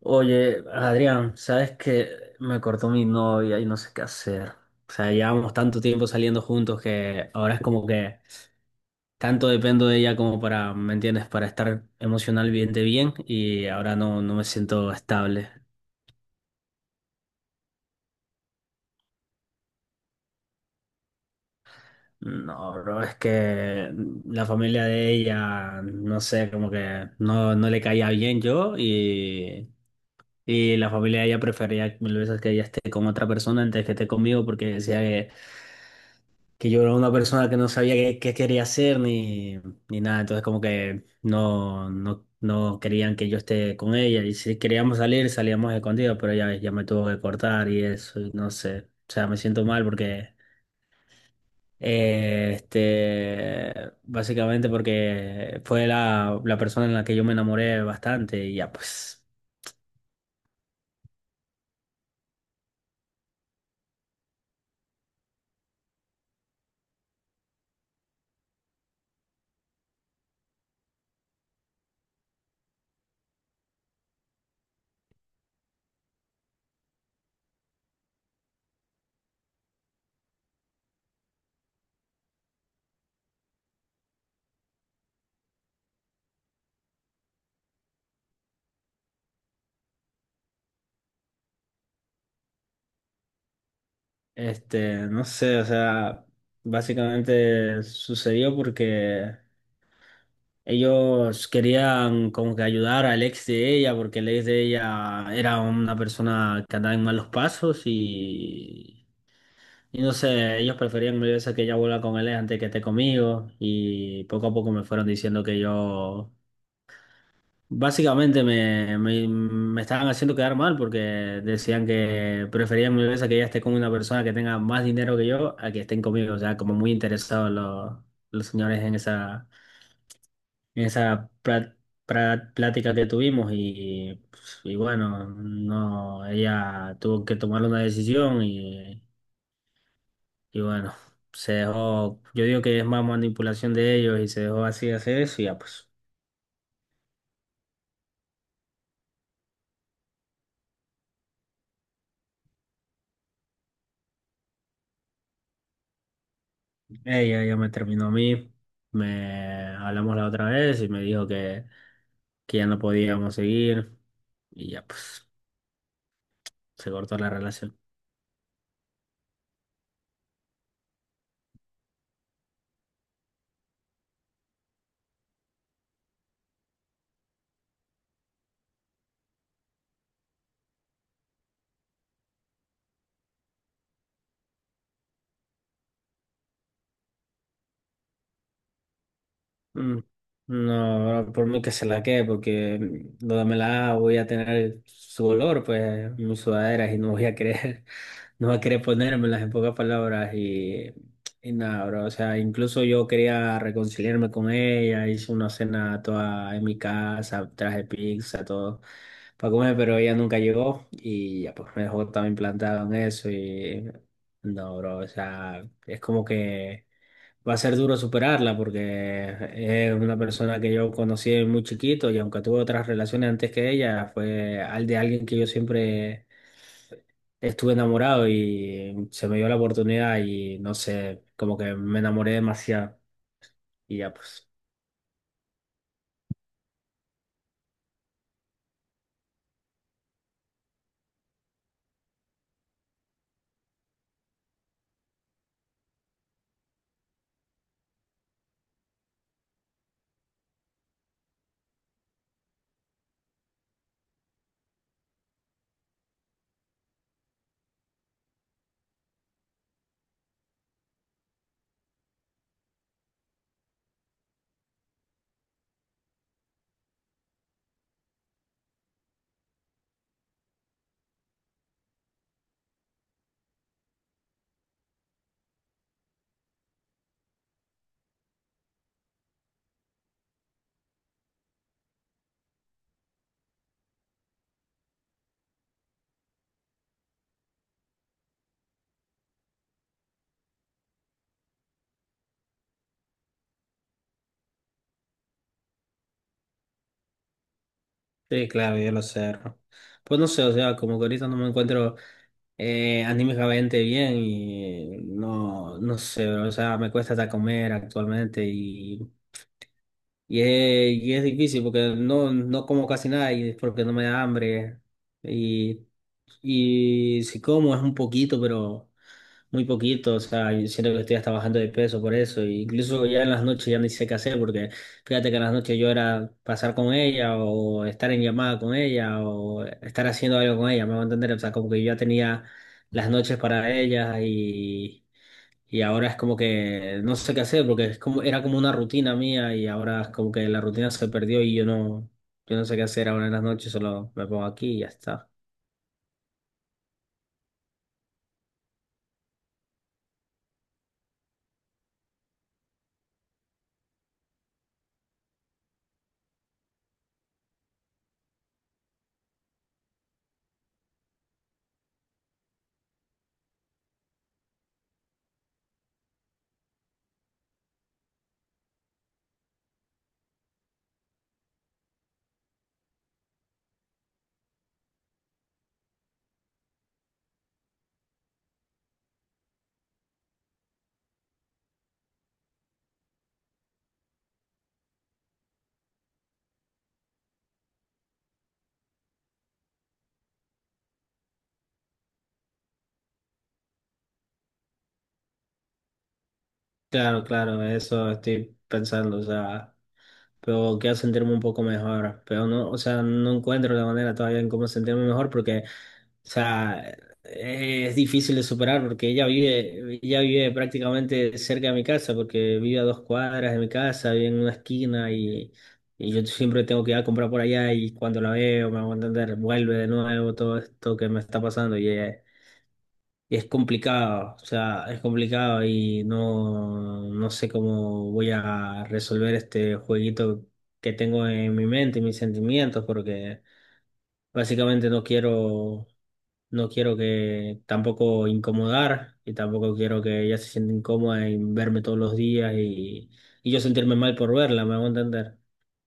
Oye, Adrián, sabes que me cortó mi novia y no sé qué hacer. O sea, llevamos tanto tiempo saliendo juntos que ahora es como que tanto dependo de ella como para, ¿me entiendes? Para estar emocionalmente bien y ahora no, no me siento estable. No, bro, es que la familia de ella, no sé, como que no, no le caía bien yo y la familia de ella prefería mil veces que ella esté con otra persona antes que esté conmigo porque decía que yo era una persona que no sabía qué, qué quería hacer ni, ni nada, entonces como que no, no, no querían que yo esté con ella, y si queríamos salir salíamos escondidos, pero ya, ves, ya me tuvo que cortar y eso, y no sé, o sea, me siento mal porque, eh, este, básicamente porque fue la persona en la que yo me enamoré bastante y ya pues, este, no sé, o sea, básicamente sucedió porque... Ellos querían como que ayudar al ex de ella, porque el ex de ella era una persona que andaba en malos pasos y no sé, ellos preferían mil veces que ella vuelva con él antes que esté conmigo, y poco a poco me fueron diciendo que yo... Básicamente me, me, me estaban haciendo quedar mal porque decían que preferían mil veces que ella esté con una persona que tenga más dinero que yo a que estén conmigo. O sea, como muy interesados los señores en esa plática que tuvimos. Y bueno, no, ella tuvo que tomar una decisión y bueno, se dejó. Yo digo que es más manipulación de ellos y se dejó así hacer eso y ya pues. Ella ya me terminó a mí, me hablamos la otra vez y me dijo que ya no podíamos seguir, y ya pues se cortó la relación. Mm, no, no, por mí que se la quede, porque no me la haga, voy a tener su olor, pues, en mis sudaderas y no voy a querer, no voy a querer ponérmelas, en pocas palabras, y nada, bro. O sea, incluso yo quería reconciliarme con ella, hice una cena toda en mi casa, traje pizza, todo para comer, pero ella nunca llegó y ya pues me dejó también plantado en eso, y no, bro, o sea, es como que va a ser duro superarla porque es una persona que yo conocí muy chiquito y aunque tuve otras relaciones antes que ella, fue al de alguien que yo siempre estuve enamorado y se me dio la oportunidad y no sé, como que me enamoré demasiado y ya pues. Sí, claro, yo lo cerro. Pues no sé, o sea, como que ahorita no me encuentro anímicamente bien y no, no sé, o sea, me cuesta hasta comer actualmente y, y, es, y es difícil porque no, no como casi nada y es porque no me da hambre y, y si como es un poquito, pero muy poquito, o sea, yo siento que estoy hasta bajando de peso por eso, e incluso ya en las noches ya ni sé qué hacer porque... Fíjate que en las noches yo era pasar con ella o estar en llamada con ella o estar haciendo algo con ella, me va a entender. O sea, como que yo ya tenía las noches para ella y ahora es como que no sé qué hacer porque es como, era como una rutina mía y ahora es como que la rutina se perdió y yo no, yo no sé qué hacer ahora en las noches, solo me pongo aquí y ya está. Claro, claro, eso estoy pensando, o sea, pero quiero sentirme un poco mejor, pero no, o sea, no encuentro la manera todavía en cómo sentirme mejor porque, o sea, es difícil de superar porque ella vive prácticamente cerca de mi casa, porque vive a dos cuadras de mi casa, vive en una esquina y yo siempre tengo que ir a comprar por allá y cuando la veo, me hago entender, vuelve de nuevo todo esto que me está pasando y ella... y es complicado, o sea, es complicado y no, no sé cómo voy a resolver este jueguito que tengo en mi mente y mis sentimientos, porque básicamente no quiero, no quiero que tampoco incomodar y tampoco quiero que ella se sienta incómoda en verme todos los días y yo sentirme mal por verla, me hago entender,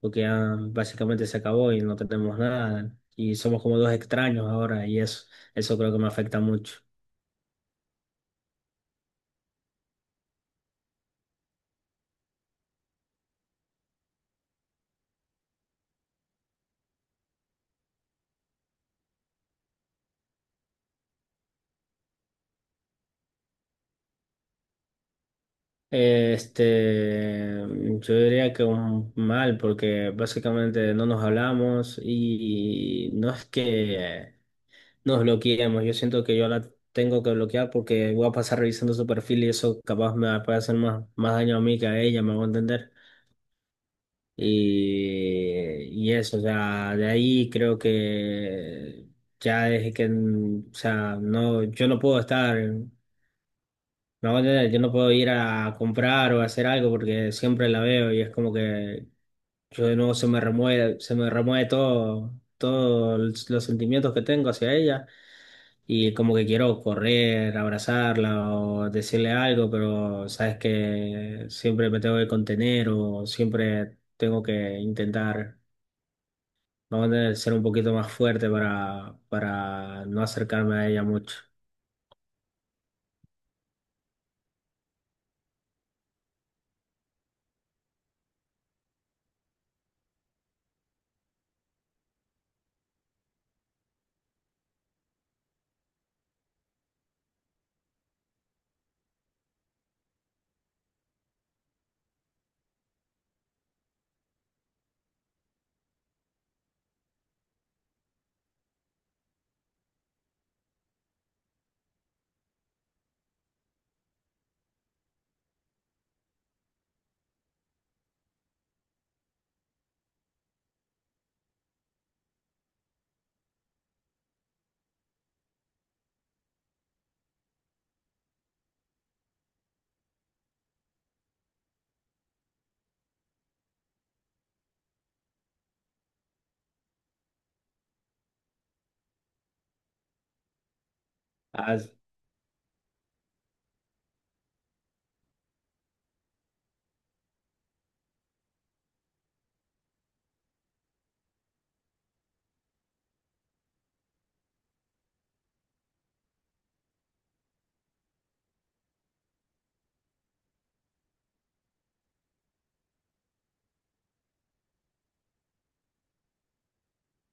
porque ya básicamente se acabó y no tenemos nada y somos como dos extraños ahora, y eso creo que me afecta mucho. Este, yo diría que un mal, porque básicamente no nos hablamos y no es que nos bloqueemos. Yo siento que yo la tengo que bloquear porque voy a pasar revisando su perfil y eso capaz me puede hacer más, más daño a mí que a ella, me voy a entender. Y eso, o sea, de ahí creo que ya es que, mm, o sea, no, yo no puedo estar. No, yo no puedo ir a comprar o a hacer algo porque siempre la veo y es como que yo de nuevo se me remueve todo, todos los sentimientos que tengo hacia ella y como que quiero correr, abrazarla o decirle algo, pero sabes que siempre me tengo que contener o siempre tengo que intentar, vamos a tener que ser un poquito más fuerte para no acercarme a ella mucho.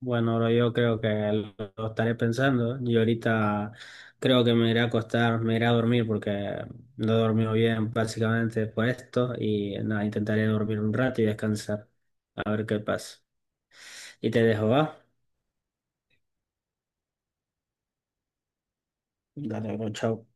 Bueno, bro, yo creo que lo estaré pensando. Yo ahorita creo que me iré a acostar, me iré a dormir porque no he dormido bien básicamente por esto y nada, intentaré dormir un rato y descansar, a ver qué pasa. Y te dejo, ¿va? Dale, bro, chao.